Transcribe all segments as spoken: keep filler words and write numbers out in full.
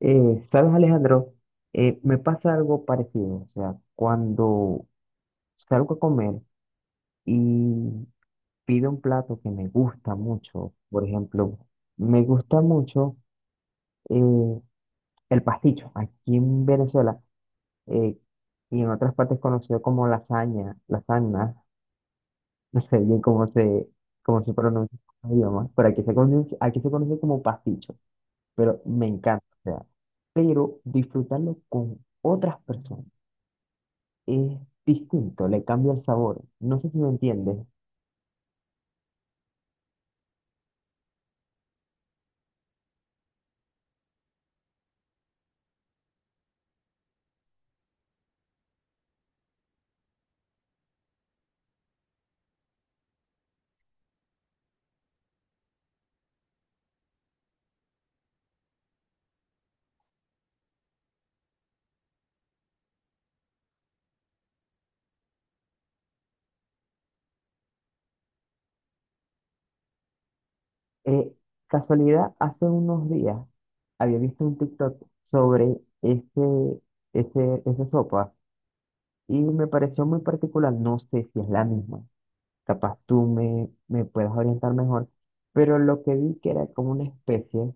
Eh, ¿sabes, Alejandro? Eh, me pasa algo parecido. O sea, cuando salgo a comer y pido un plato que me gusta mucho, por ejemplo, me gusta mucho eh, el pasticho. Aquí en Venezuela eh, y en otras partes conocido como lasaña, lasaña, no sé bien cómo se, cómo se pronuncia en otros idiomas, pero aquí se conoce, aquí se conoce como pasticho, pero me encanta. O sea, pero disfrutarlo con otras personas es distinto, le cambia el sabor. No sé si me entiendes. Eh, Casualidad, hace unos días había visto un TikTok sobre ese, ese, esa sopa y me pareció muy particular. No sé si es la misma. Capaz tú me, me puedas orientar mejor. Pero lo que vi que era como una especie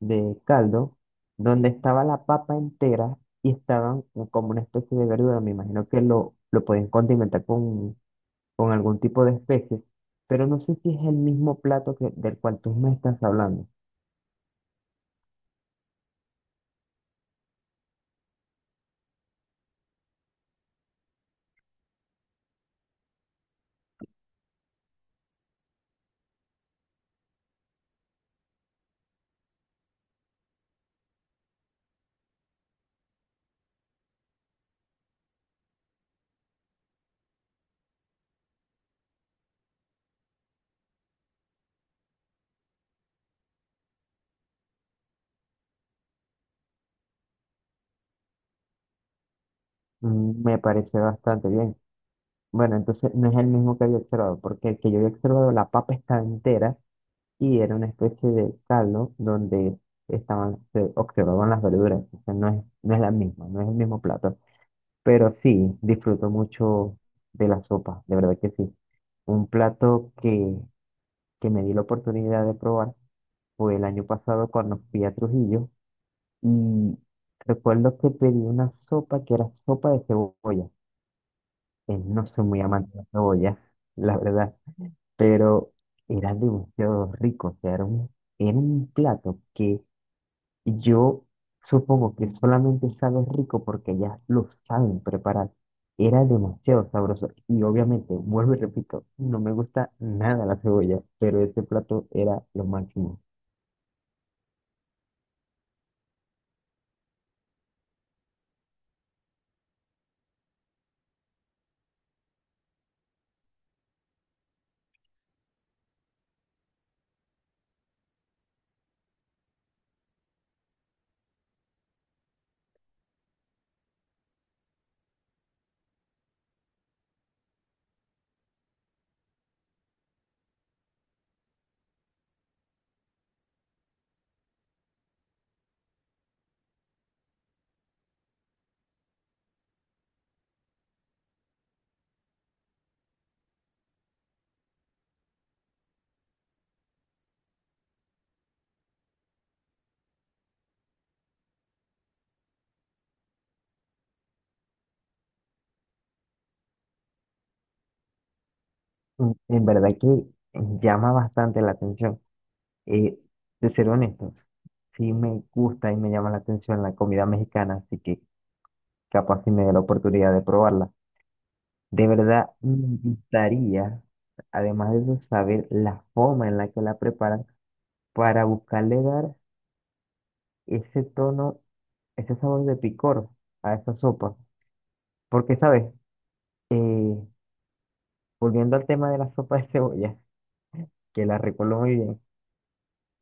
de caldo donde estaba la papa entera y estaban como una especie de verdura. Me imagino que lo, lo pueden condimentar con algún tipo de especies, pero no sé si es el mismo plato que, del cual tú me estás hablando. Mm. Me parece bastante bien. Bueno, entonces no es el mismo que había observado, porque el que yo había observado, la papa estaba entera y era una especie de caldo donde estaban, se observaban las verduras. O sea, no es, no es la misma, no es el mismo plato. Pero sí, disfruto mucho de la sopa, de verdad que sí. Un plato que, que me di la oportunidad de probar fue el año pasado cuando fui a Trujillo. Y recuerdo que pedí una sopa que era sopa de cebolla. Eh, no soy muy amante de la cebolla, la verdad, pero era demasiado rico. O sea, era un, era un plato que yo supongo que solamente sabe rico porque ya lo saben preparar. Era demasiado sabroso. Y obviamente, vuelvo y repito, no me gusta nada la cebolla, pero ese plato era lo máximo. En en verdad que llama bastante la atención. Eh, de ser honesto, sí me gusta y me llama la atención la comida mexicana, así que capaz si me dé la oportunidad de probarla. De verdad, me gustaría, además de eso, saber la forma en la que la preparan para buscarle dar ese tono, ese sabor de picor a esa sopa. Porque, ¿sabes? Eh, Volviendo al tema de la sopa de cebolla, que la recuerdo muy bien,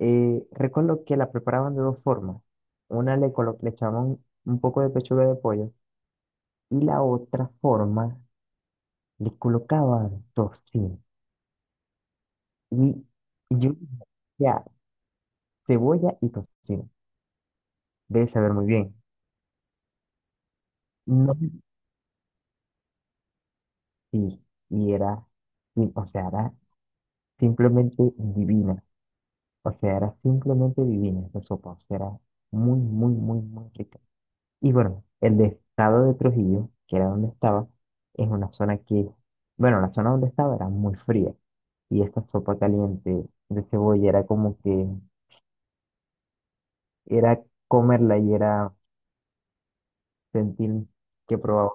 eh, recuerdo que la preparaban de dos formas. Una le, colo- le echaban un un poco de pechuga de pollo y la otra forma le colocaba tocino. Y yo, ya, cebolla y tocino. Debe saber muy bien. No, sí, y era, sí, o sea, era simplemente divina. O sea, era simplemente divina esa sopa. O sea, era muy, muy, muy, muy rica. Y bueno, el estado de Trujillo, que era donde estaba, es una zona que, bueno, la zona donde estaba era muy fría. Y esta sopa caliente de cebolla era como que era comerla y era sentir que probaba.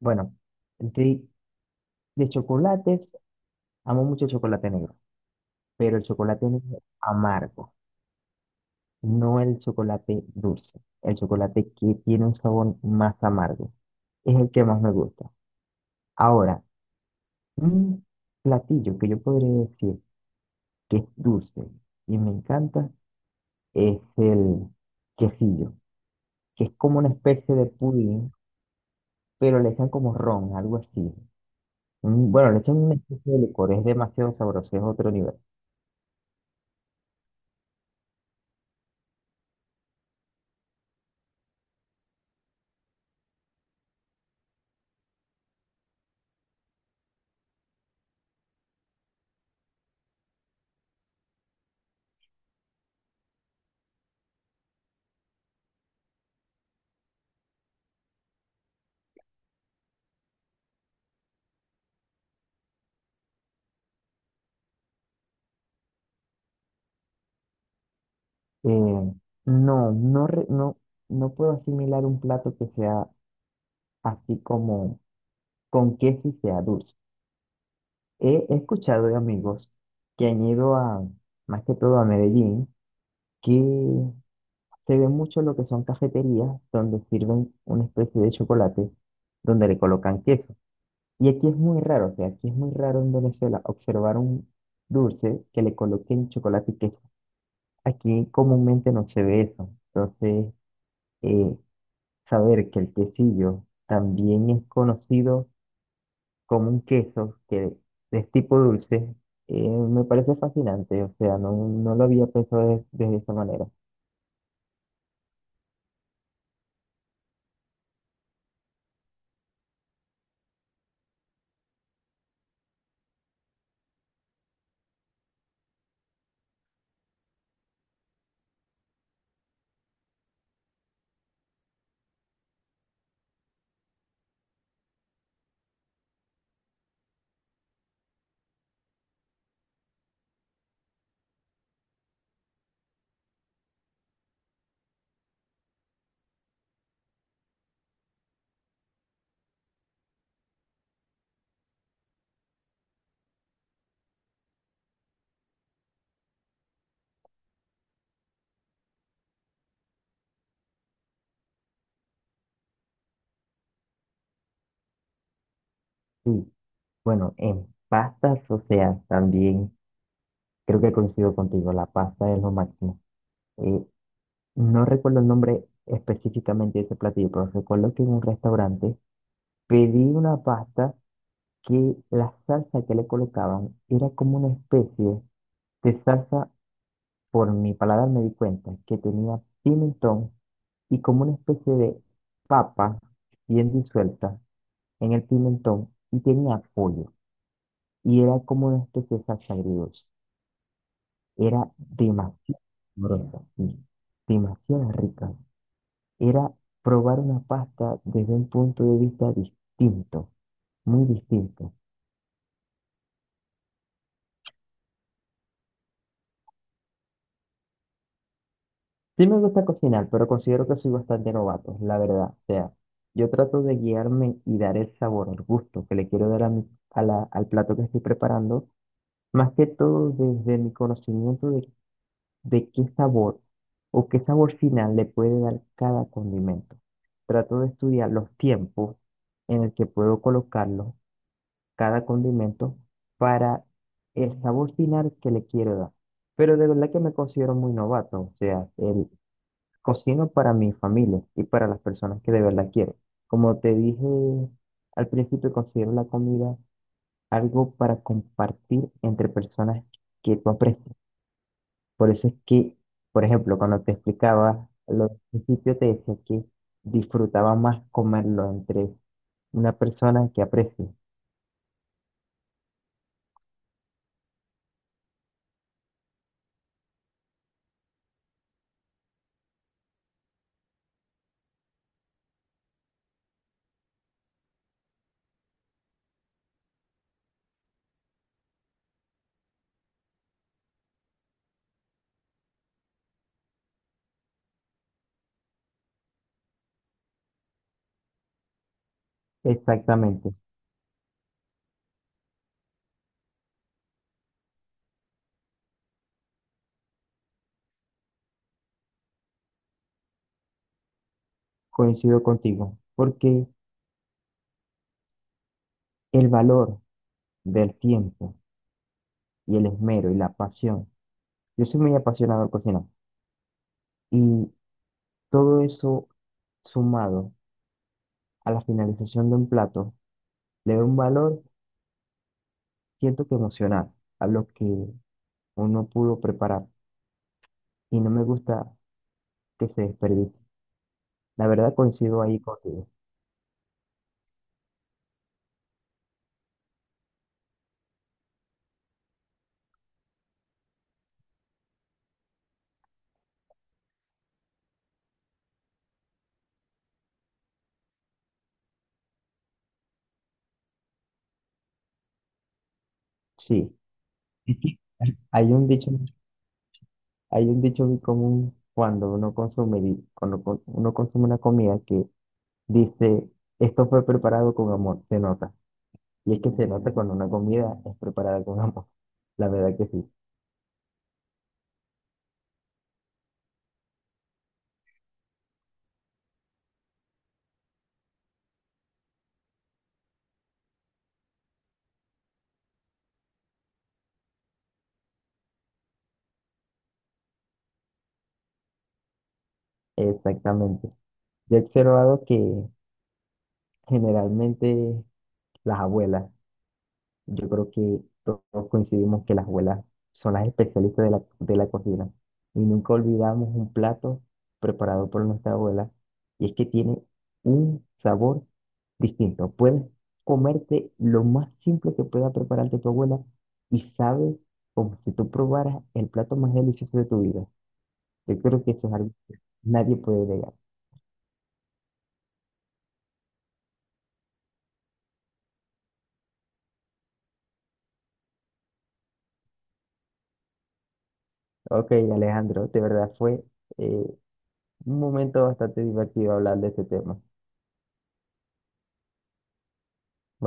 Bueno, de, de chocolates, amo mucho el chocolate negro, pero el chocolate negro amargo, no el chocolate dulce, el chocolate que tiene un sabor más amargo, es el que más me gusta. Ahora, un platillo que yo podría decir que es dulce y me encanta es el quesillo, que es como una especie de pudín, pero le echan como ron, algo así. Mm. Bueno, le echan una especie de licor, es demasiado sabroso, es otro nivel. Eh, no, no, re- no, no puedo asimilar un plato que sea así como con queso y sea dulce. He, he escuchado de amigos que han ido a, más que todo a Medellín, que se ve mucho lo que son cafeterías donde sirven una especie de chocolate donde le colocan queso. Y aquí es muy raro, o sea, aquí es muy raro en Venezuela observar un dulce que le coloquen chocolate y queso. Aquí comúnmente no se ve eso. Entonces, eh, saber que el quesillo también es conocido como un queso que es tipo dulce, eh, me parece fascinante. O sea, no, no lo había pensado de, de esa manera. Sí, bueno, en pastas, o sea, también creo que coincido contigo, la pasta es lo máximo. Eh, no recuerdo el nombre específicamente de ese platillo, pero recuerdo que en un restaurante pedí una pasta, que la salsa que le colocaban era como una especie de salsa, por mi paladar me di cuenta, que tenía pimentón y como una especie de papa bien disuelta en el pimentón y tenía pollo. Y era como una especie de salsa agridulce. Era demasiado gruesa, sí, demasiado rica. Era probar una pasta desde un punto de vista distinto, muy distinto. Sí me gusta cocinar, pero considero que soy bastante novato, la verdad. O sea, yo trato de guiarme y dar el sabor, el gusto que le quiero dar a mi- a la- al plato que estoy preparando, más que todo desde mi conocimiento de, de qué sabor o qué sabor final le puede dar cada condimento. Trato de estudiar los tiempos en el que puedo colocarlo, cada condimento, para el sabor final que le quiero dar. Pero de verdad que me considero muy novato, o sea, el cocino para mi familia y para las personas que de verdad quiero. Como te dije al principio, considero la comida algo para compartir entre personas que tú aprecias. Por eso es que, por ejemplo, cuando te explicaba lo del principio, te decía que disfrutaba más comerlo entre una persona que aprecio. Exactamente, coincido contigo, porque el valor del tiempo y el esmero y la pasión. Yo soy muy apasionado al cocinar. Y todo eso sumado a la finalización de un plato le da un valor, siento que emocional, a lo que uno pudo preparar y no me gusta que se desperdicie. La verdad coincido ahí contigo. Sí, es que hay un dicho, hay un dicho muy común cuando uno consume, di- cuando con- uno consume una comida que dice, esto fue preparado con amor, se nota. Y es que se nota cuando una comida es preparada con amor. La verdad que sí, exactamente. Yo he observado que generalmente las abuelas, yo creo que todos coincidimos que las abuelas son las especialistas de la, de la cocina y nunca olvidamos un plato preparado por nuestra abuela y es que tiene un sabor distinto. Puedes comerte lo más simple que pueda prepararte tu abuela y sabe como si tú probaras el plato más delicioso de tu vida. Yo creo que eso es algo que nadie puede negar. Ok, Alejandro, de verdad fue eh, un momento bastante divertido hablar de este tema. Vale.